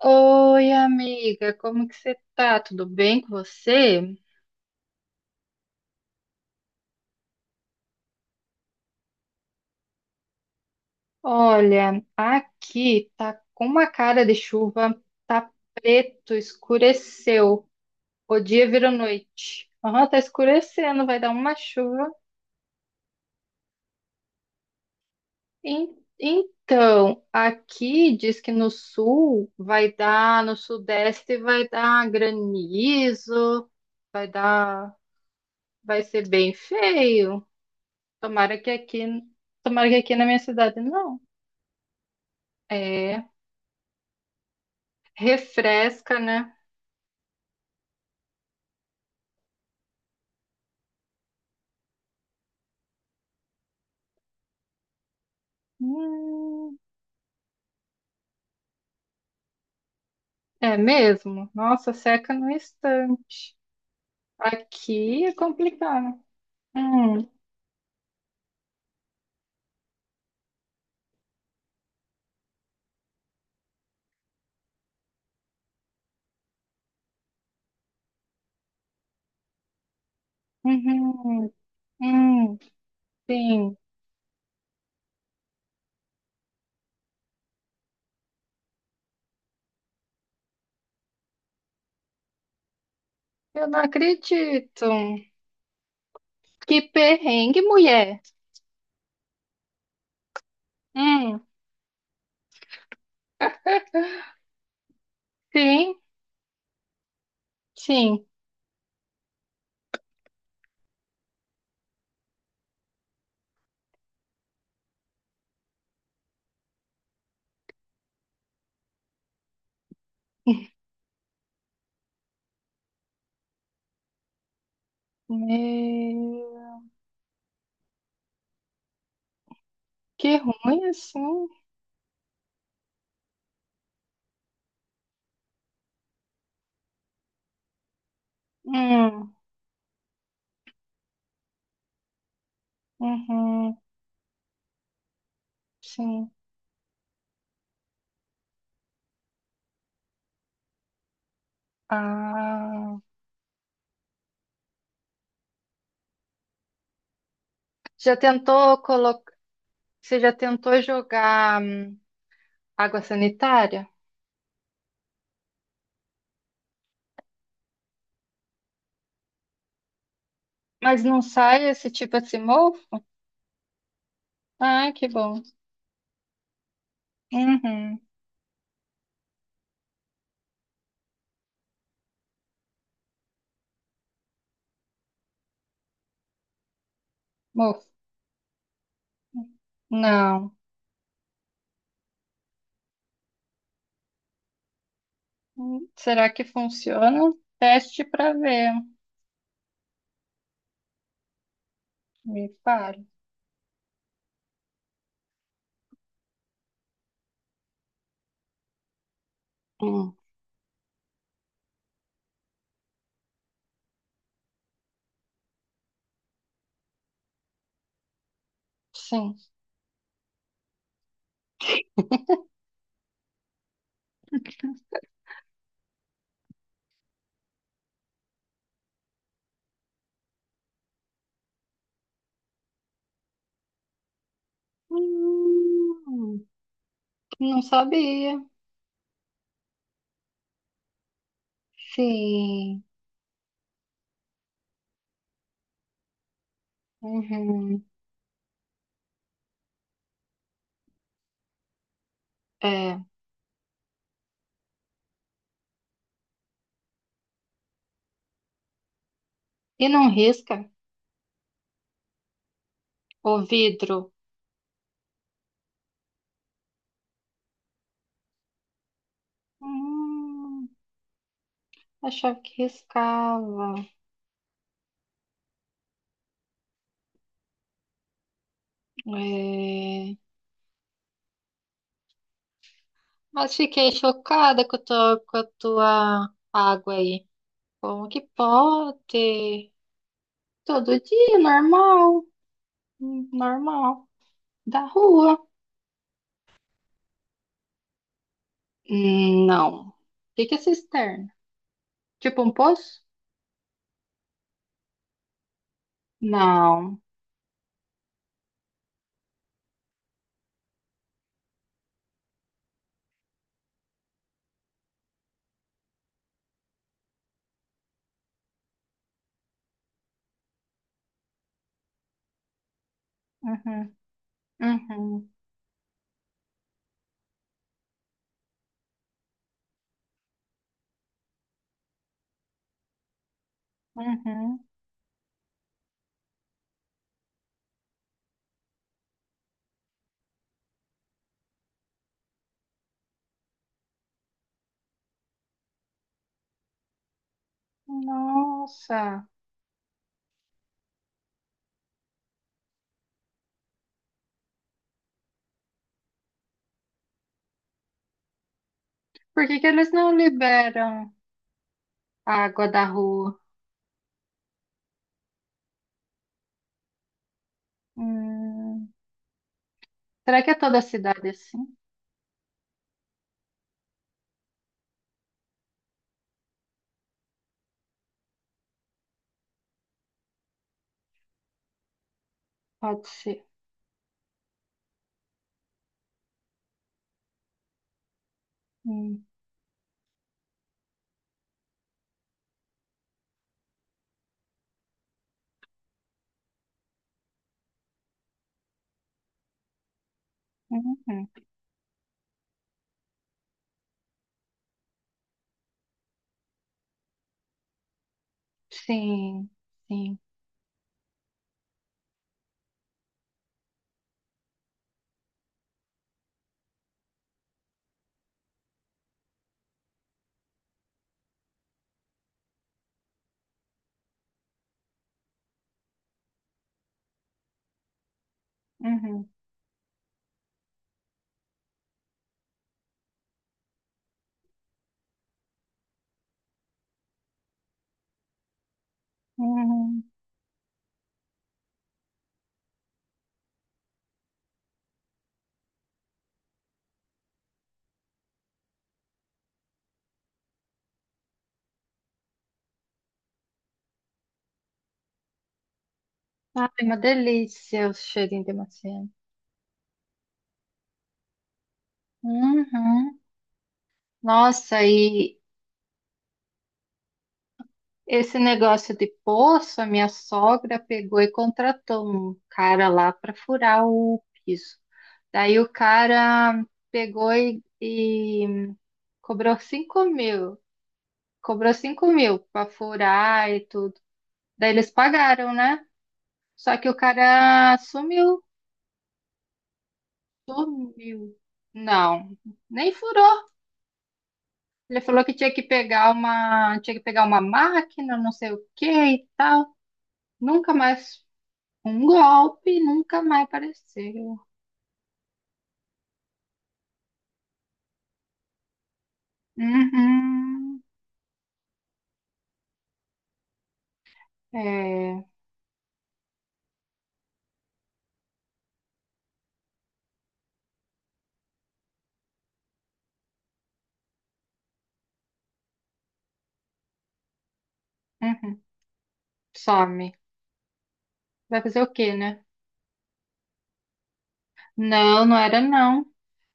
Oi, amiga, como que você tá? Tudo bem com você? Olha, aqui tá com uma cara de chuva, tá preto, escureceu. O dia virou noite. Aham, tá escurecendo, vai dar uma chuva. Então, aqui diz que no sul vai dar, no sudeste vai dar granizo, vai dar, vai ser bem feio. Tomara que aqui, tomara que aqui na minha cidade não. É, refresca, né? Hum, é mesmo? Nossa, seca no instante. Aqui é complicado. Hum, uhum, hum, sim. Eu não acredito. Que perrengue, mulher. Hum, sim, sim. Meu, que ruim assim. Hum, uhum, sim. Ah, já tentou colocar? Você já tentou jogar água sanitária? Mas não sai esse tipo assim, mofo? Ah, que bom. Uhum. Mofo. Não. Será que funciona? Teste para ver. Me pare. Hum, sim. Hum, não sabia. Sim. Uhum. É. E não risca o vidro? Hum, achava que riscava. É. Mas fiquei chocada com a tua água aí. Como que pode? Todo dia, normal. Hum, normal. Da rua. Não. O que que é cisterna? Tipo um poço? Não. Uhum, uhum, uhum. Nossa. Por que que eles não liberam a água da rua? Hum, será que é toda a cidade assim? Pode ser. Hum, uhum. Sim, sim. Uhum, uhum. Ai, uma delícia o cheirinho de macia. Uhum. Nossa, e esse negócio de poço, a minha sogra pegou e contratou um cara lá para furar o piso. Daí o cara pegou e cobrou 5 mil. Cobrou cinco mil para furar e tudo. Daí eles pagaram, né? Só que o cara sumiu. Sumiu. Não, nem furou. Ele falou que tinha que pegar uma, tinha que pegar uma máquina, não sei o que e tal. Nunca mais Um golpe e nunca mais apareceu. Uhum. É. Uhum. Some. Vai fazer o quê, né? Não, não era não.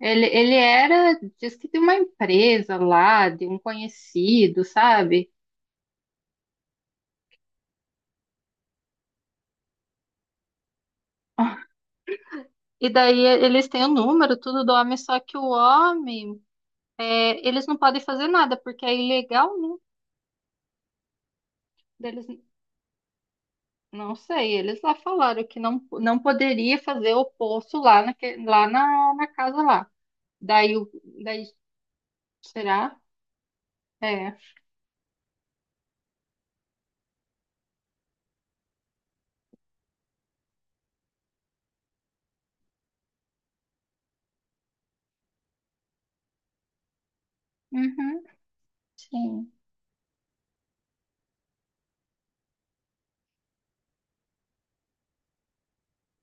Ele era, diz que de uma empresa lá, de um conhecido, sabe? E daí eles têm o número, tudo do homem, só que o homem, é, eles não podem fazer nada, porque é ilegal, né? Eles, não sei, eles lá falaram que não, não poderia fazer o poço lá, na casa lá. Daí, daí será? É. Uhum. Sim.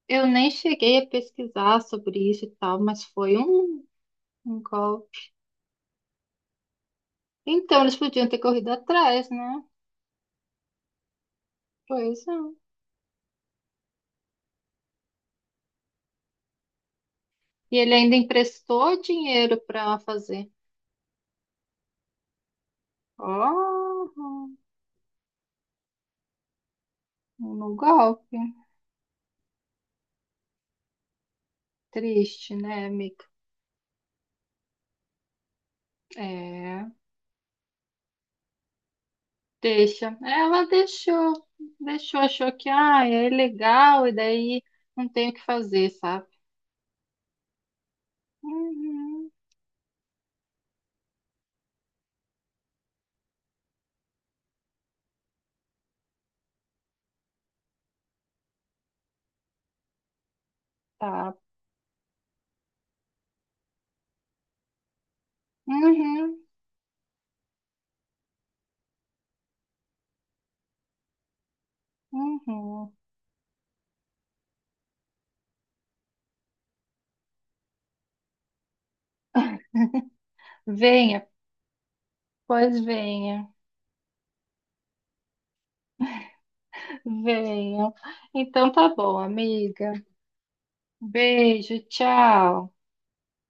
Eu nem cheguei a pesquisar sobre isso e tal, mas foi um, um golpe. Então, eles podiam ter corrido atrás, né? Pois é. E ele ainda emprestou dinheiro para fazer. Oh, no golpe. Triste, né, amiga? É, deixa. Ela deixou, deixou, achou que ah, é legal e daí não tem o que fazer, sabe? Uhum, tá. Uhum, uhum. Venha, pois venha, venha. Então tá bom, amiga. Beijo, tchau.